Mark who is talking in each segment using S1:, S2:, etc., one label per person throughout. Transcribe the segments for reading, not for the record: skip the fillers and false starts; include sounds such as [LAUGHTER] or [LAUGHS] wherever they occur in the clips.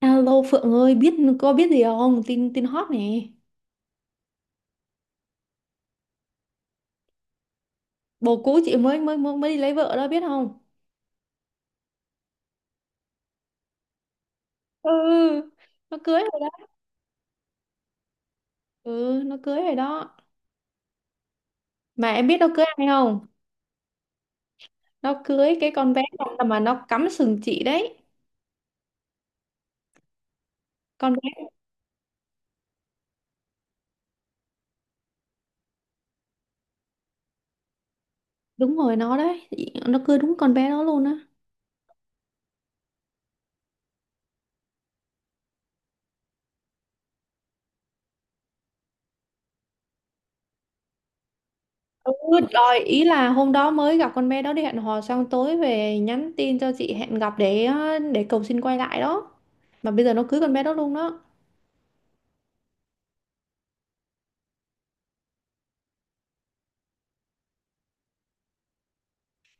S1: Alo Phượng ơi, có biết gì không? Tin tin hot nè. Bồ cũ chị mới mới mới mới đi lấy vợ đó biết không? Ừ, nó cưới rồi đó. Ừ, nó cưới rồi đó. Mà em biết nó cưới ai không? Nó cưới cái con bé mà nó cắm sừng chị đấy. Con bé đúng rồi nó đấy. Nó cưới đúng con bé đó luôn á. Ừ, rồi ý là hôm đó mới gặp con bé đó đi hẹn hò xong tối về nhắn tin cho chị hẹn gặp để cầu xin quay lại đó. Mà bây giờ nó cưới con bé đó luôn đó.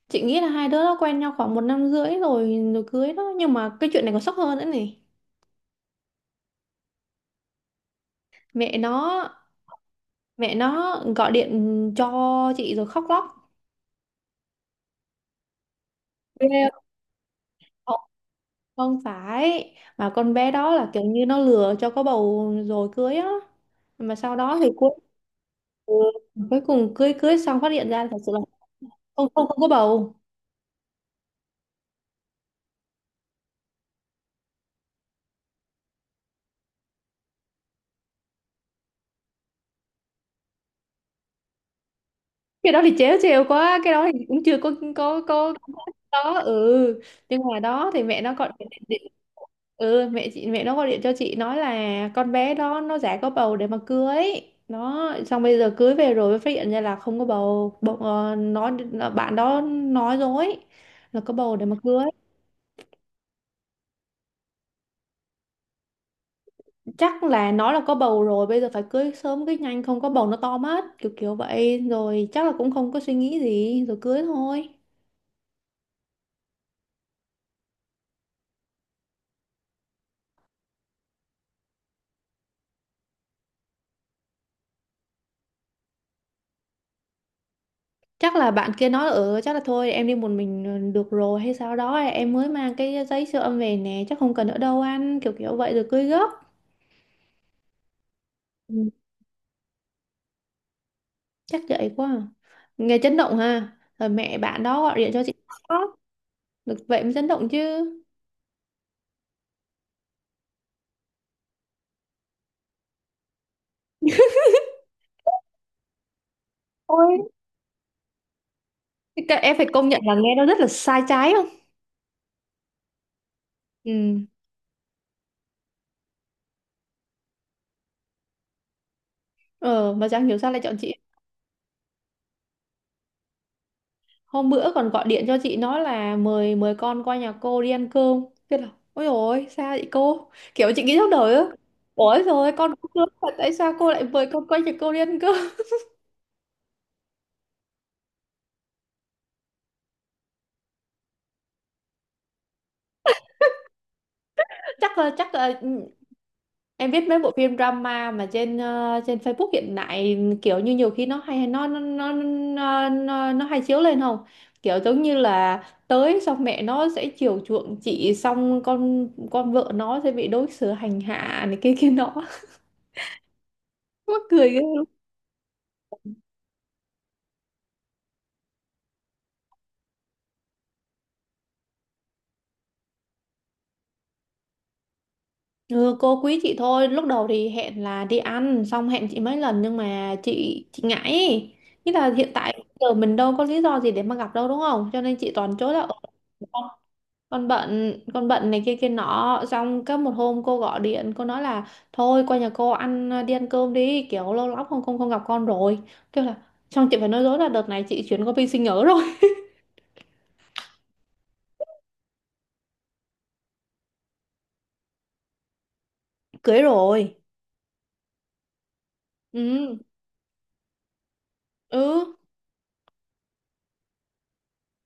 S1: Chị nghĩ là hai đứa nó quen nhau khoảng một năm rưỡi rồi rồi cưới đó, nhưng mà cái chuyện này còn sốc hơn nữa này. Mẹ nó mẹ nó gọi điện cho chị rồi khóc lóc. Ghê không. Không phải, mà con bé đó là kiểu như nó lừa cho có bầu rồi cưới á, mà sau đó thì cuối cuối cùng cưới cưới xong phát hiện ra thật sự là không không không có bầu. Cái đó thì trễ trêu quá, cái đó thì cũng chưa có đó ừ. Nhưng mà đó thì mẹ nó gọi. Ừ, mẹ nó gọi điện cho chị nói là con bé đó nó giả có bầu để mà cưới nó, xong bây giờ cưới về rồi mới phát hiện ra là không có bầu bầu Bạn đó nói dối là có bầu để mà cưới. Chắc là nó là có bầu rồi bây giờ phải cưới sớm cưới nhanh, không có bầu nó to mất, kiểu kiểu vậy rồi, chắc là cũng không có suy nghĩ gì rồi cưới thôi. Chắc là bạn kia nói ở, chắc là thôi em đi một mình được rồi hay sao đó, em mới mang cái giấy siêu âm về nè, chắc không cần nữa đâu anh, kiểu kiểu vậy rồi cưới gấp. Ừ. Chắc vậy quá à. Nghe chấn động ha. Rồi mẹ bạn đó gọi điện cho chị, khóc. Được vậy mới chấn động chứ. Ôi, thế các em phải công nhận là nghe nó rất là sai trái không? Ừ. Ờ, mà chẳng hiểu sao lại chọn chị. Hôm bữa còn gọi điện cho chị nói là mời mời con qua nhà cô đi ăn cơm. Thế là ôi dồi ôi sao vậy cô? Kiểu chị nghĩ trong đời á. Ôi rồi con cũng lớn mà tại sao cô lại mời con qua nhà cô đi ăn cơm? [LAUGHS] Chắc là ừ, em biết mấy bộ phim drama mà trên trên Facebook hiện tại, kiểu như nhiều khi nó hay chiếu lên không? Kiểu giống như là tới xong mẹ nó sẽ chiều chuộng chị, xong con vợ nó sẽ bị đối xử hành hạ này kia kia nọ. [LAUGHS] Mắc cười ghê luôn. Ừ, cô quý chị thôi. Lúc đầu thì hẹn là đi ăn, xong hẹn chị mấy lần nhưng mà chị ngại ý. Nghĩa là hiện tại giờ mình đâu có lý do gì để mà gặp đâu đúng không? Cho nên chị toàn chối là "Ờ, con bận này kia kia nọ." Xong có một hôm cô gọi điện cô nói là thôi qua nhà cô ăn à, đi ăn cơm đi, kiểu lâu lắm không không không gặp con rồi, kêu là. Xong chị phải nói dối là đợt này chị chuyển qua bên sinh nhớ rồi. [LAUGHS] Cưới rồi. Ừ. Ừ.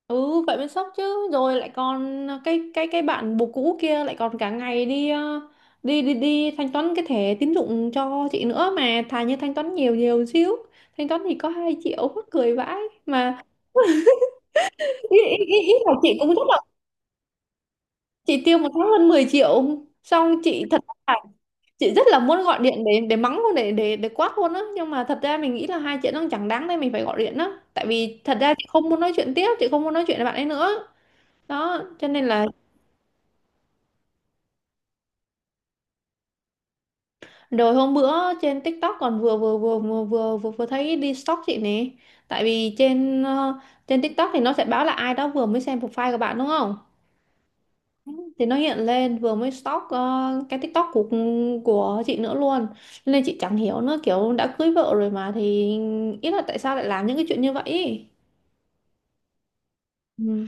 S1: Ừ, vậy mới sốc chứ. Rồi lại còn cái bạn bồ cũ kia lại còn cả ngày đi ờ, đi đi đi thanh toán cái thẻ tín dụng cho chị nữa. Mà thà như thanh toán nhiều nhiều xíu, thanh toán thì có hai triệu mắc cười vãi. Mà ý là chị cũng rất là, chị tiêu một tháng hơn 10 triệu. Xong chị thật là, chị rất là muốn gọi điện để mắng luôn, để quát luôn á, nhưng mà thật ra mình nghĩ là hai chuyện nó chẳng đáng nên mình phải gọi điện á. Tại vì thật ra chị không muốn nói chuyện tiếp, chị không muốn nói chuyện với bạn ấy nữa. Đó, cho nên là. Rồi hôm bữa trên TikTok còn vừa thấy đi stalk chị nè. Tại vì trên trên TikTok thì nó sẽ báo là ai đó vừa mới xem profile của bạn đúng không, thì nó hiện lên vừa mới stalk cái TikTok của chị nữa luôn. Nên chị chẳng hiểu nữa, kiểu đã cưới vợ rồi mà thì, ý là tại sao lại làm những cái chuyện như vậy ý. Ừ.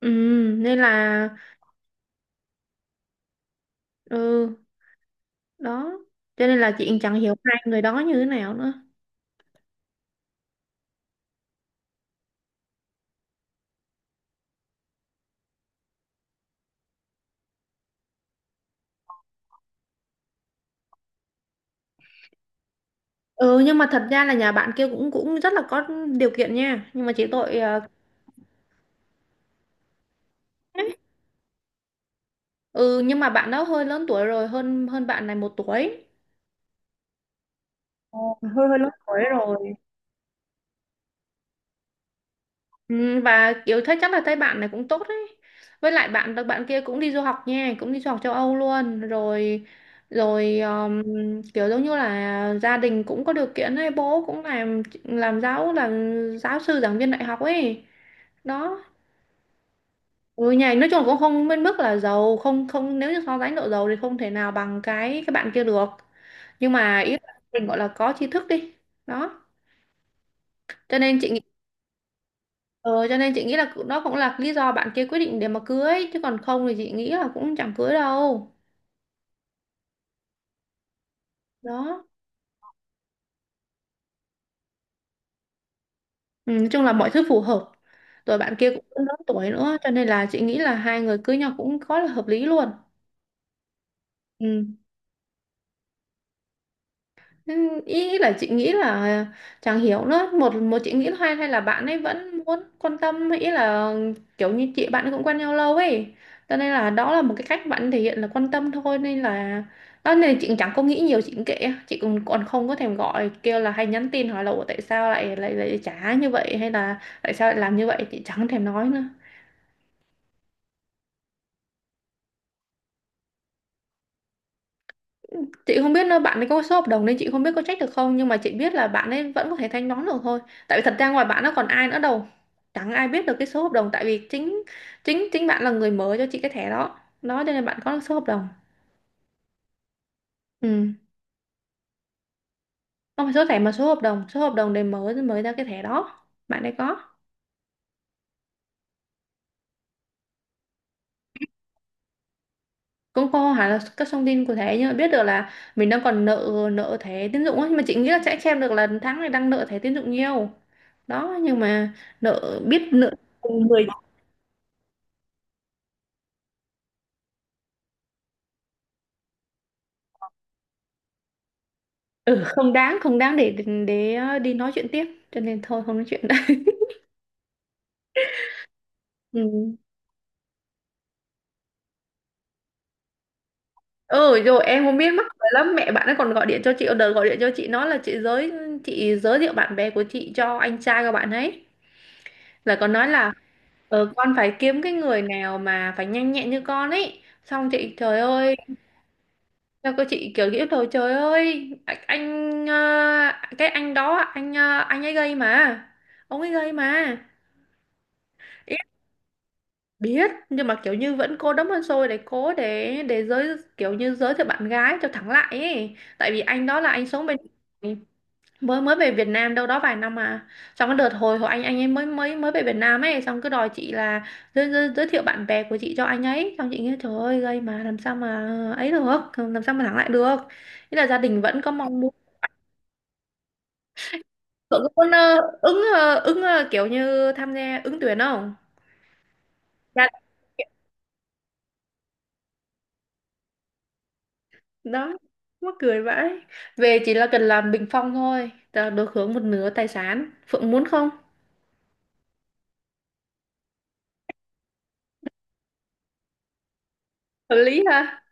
S1: Ừ, nên là ừ. Đó cho nên là chị chẳng hiểu hai người đó như thế nào nữa. Ừ, nhưng mà thật ra là nhà bạn kia cũng cũng rất là có điều kiện nha, nhưng mà chỉ tội ừ nhưng mà bạn đó hơi lớn tuổi rồi, hơn hơn bạn này một tuổi. Ờ, hơi hơi lớn tuổi rồi. Ừ, và kiểu thấy chắc là thấy bạn này cũng tốt đấy. Với lại bạn bạn kia cũng đi du học nha, cũng đi du học châu Âu luôn rồi. Rồi kiểu giống như là gia đình cũng có điều kiện ấy, bố cũng làm giáo sư giảng viên đại học ấy. Đó. Ừ, nhà nói chung là cũng không bên mức là giàu không không nếu như so sánh độ giàu thì không thể nào bằng cái bạn kia được, nhưng mà ý là mình gọi là có tri thức đi. Đó cho nên chị. Ờ, cho nên chị nghĩ là nó cũng là lý do bạn kia quyết định để mà cưới, chứ còn không thì chị nghĩ là cũng chẳng cưới đâu. Đó. Ừ, nói chung là mọi thứ phù hợp. Rồi bạn kia cũng lớn tuổi nữa cho nên là chị nghĩ là hai người cưới nhau cũng có là hợp lý luôn. Ừ. Ừ, ý là chị nghĩ là chẳng hiểu nữa, một một chị nghĩ là hay hay là bạn ấy vẫn muốn quan tâm, ý là kiểu như chị bạn cũng quen nhau lâu ấy, cho nên là đó là một cái cách bạn thể hiện là quan tâm thôi nên là. Đó nên là chị chẳng có nghĩ nhiều, chị cũng kệ, chị cũng còn không có thèm gọi kêu là hay nhắn tin hỏi là "Ủa, tại sao lại lại lại trả như vậy, hay là tại sao lại làm như vậy", chị chẳng thèm nói nữa. Chị không biết là bạn ấy có số hợp đồng nên chị không biết có trách được không, nhưng mà chị biết là bạn ấy vẫn có thể thanh toán được thôi. Tại vì thật ra ngoài bạn nó còn ai nữa đâu, chẳng ai biết được cái số hợp đồng. Tại vì chính chính chính bạn là người mở cho chị cái thẻ đó, đó cho nên bạn có số hợp đồng. Ừ. Không phải số thẻ mà số hợp đồng để mở mới ra cái thẻ đó, bạn ấy có. Cũng có hẳn là các thông tin của thẻ, nhưng mà biết được là mình đang còn nợ nợ thẻ tín dụng ấy. Nhưng mà chị nghĩ là sẽ xem được là tháng này đang nợ thẻ tín dụng nhiều. Đó nhưng mà, nợ biết nợ, mười. Ừ, không đáng, không đáng để đi nói chuyện tiếp, cho nên thôi không nói chuyện nữa. [LAUGHS] Ừ. Ừ rồi em không biết, mắc cười lắm, mẹ bạn ấy còn gọi điện cho chị. Đợt gọi điện cho chị nói là chị giới thiệu bạn bè của chị cho anh trai của bạn ấy, là còn nói là con phải kiếm cái người nào mà phải nhanh nhẹn như con ấy, xong chị trời ơi, sao cô, chị kiểu nghĩ rồi trời ơi, anh, cái anh đó, anh ấy gây mà, ông ấy gây mà. Biết, nhưng mà kiểu như vẫn cố đấm hơn xôi, để cố để giới kiểu như giới thiệu bạn gái cho thẳng lại ấy. Tại vì anh đó là anh sống bên, mới mới về Việt Nam đâu đó vài năm mà. Trong cái đợt hồi hồi anh ấy mới mới mới về Việt Nam ấy, xong cứ đòi chị là giới thiệu bạn bè của chị cho anh ấy, xong chị nghĩ trời ơi, gây mà làm sao mà ấy được, làm sao mà thẳng lại được. Nghĩa là gia đình vẫn có mong muốn. Cậu có muốn kiểu như tham gia ứng tuyển không? Đó, mắc cười vãi. Về chỉ là cần làm bình phong thôi, ta đối hướng một nửa tài sản Phượng muốn không? Hợp lý ha.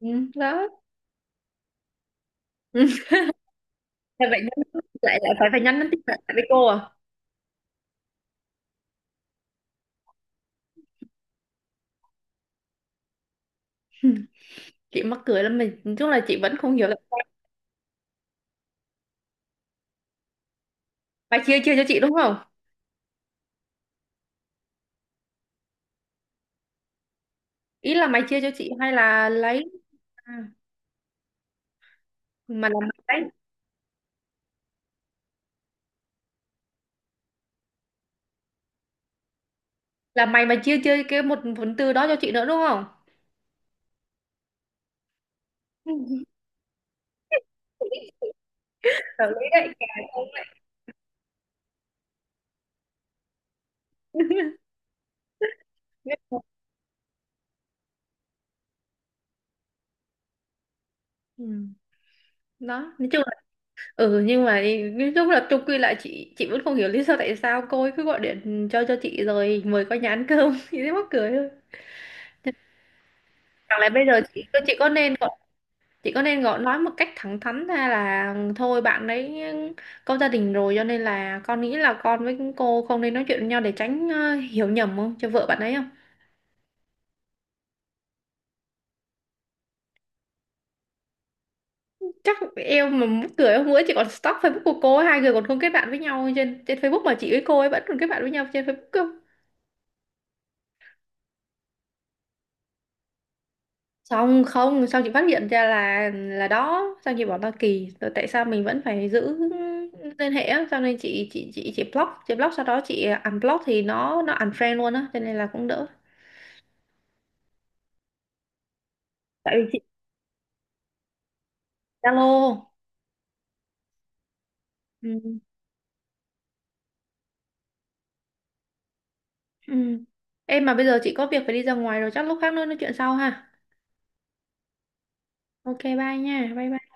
S1: Ừ, đó. [LAUGHS] Thế vậy nhắn lại lại phải phải nhắn tin lại với cô à. [LAUGHS] Chị mắc cười lắm, mình nói chung là chị vẫn không hiểu là sao. Mày chia chia cho chị đúng không? Ý là mày chia cho chị hay là lấy? À, mà là mày lấy, là mày mà chia chia cái một phần tư đó cho chị nữa đúng không? [LAUGHS] Hợp lý đấy. Cả không lại biết. Ừ, đó nói chung. Ừ nhưng mà nói chung là chung quy lại, chị vẫn không hiểu lý do tại sao cô ấy cứ gọi điện cho chị rồi mời qua nhà ăn cơm. [LAUGHS] Chị thấy mắc cười thôi. Chẳng lẽ bây giờ chị có nên gọi chị có nên gọi nói một cách thẳng thắn ra là thôi bạn ấy có gia đình rồi, cho nên là con nghĩ là con với cô không nên nói chuyện với nhau để tránh hiểu nhầm không cho vợ bạn ấy không? Chắc em mà mắc cười, hôm bữa chị còn stalk Facebook của cô ấy, hai người còn không kết bạn với nhau trên trên Facebook mà chị với cô ấy vẫn còn kết bạn với nhau trên Facebook cơ. Xong không, xong chị phát hiện ra là đó, xong chị bảo là kỳ rồi tại sao mình vẫn phải giữ liên hệ á, xong nên chị block, sau đó chị unblock thì nó unfriend luôn á, cho nên là cũng đỡ. Tại vì chị Zalo. Ừ. Ừ. Em mà bây giờ chị có việc phải đi ra ngoài rồi, chắc lúc khác nữa nói chuyện sau ha. OK. Bye nha, bye bye.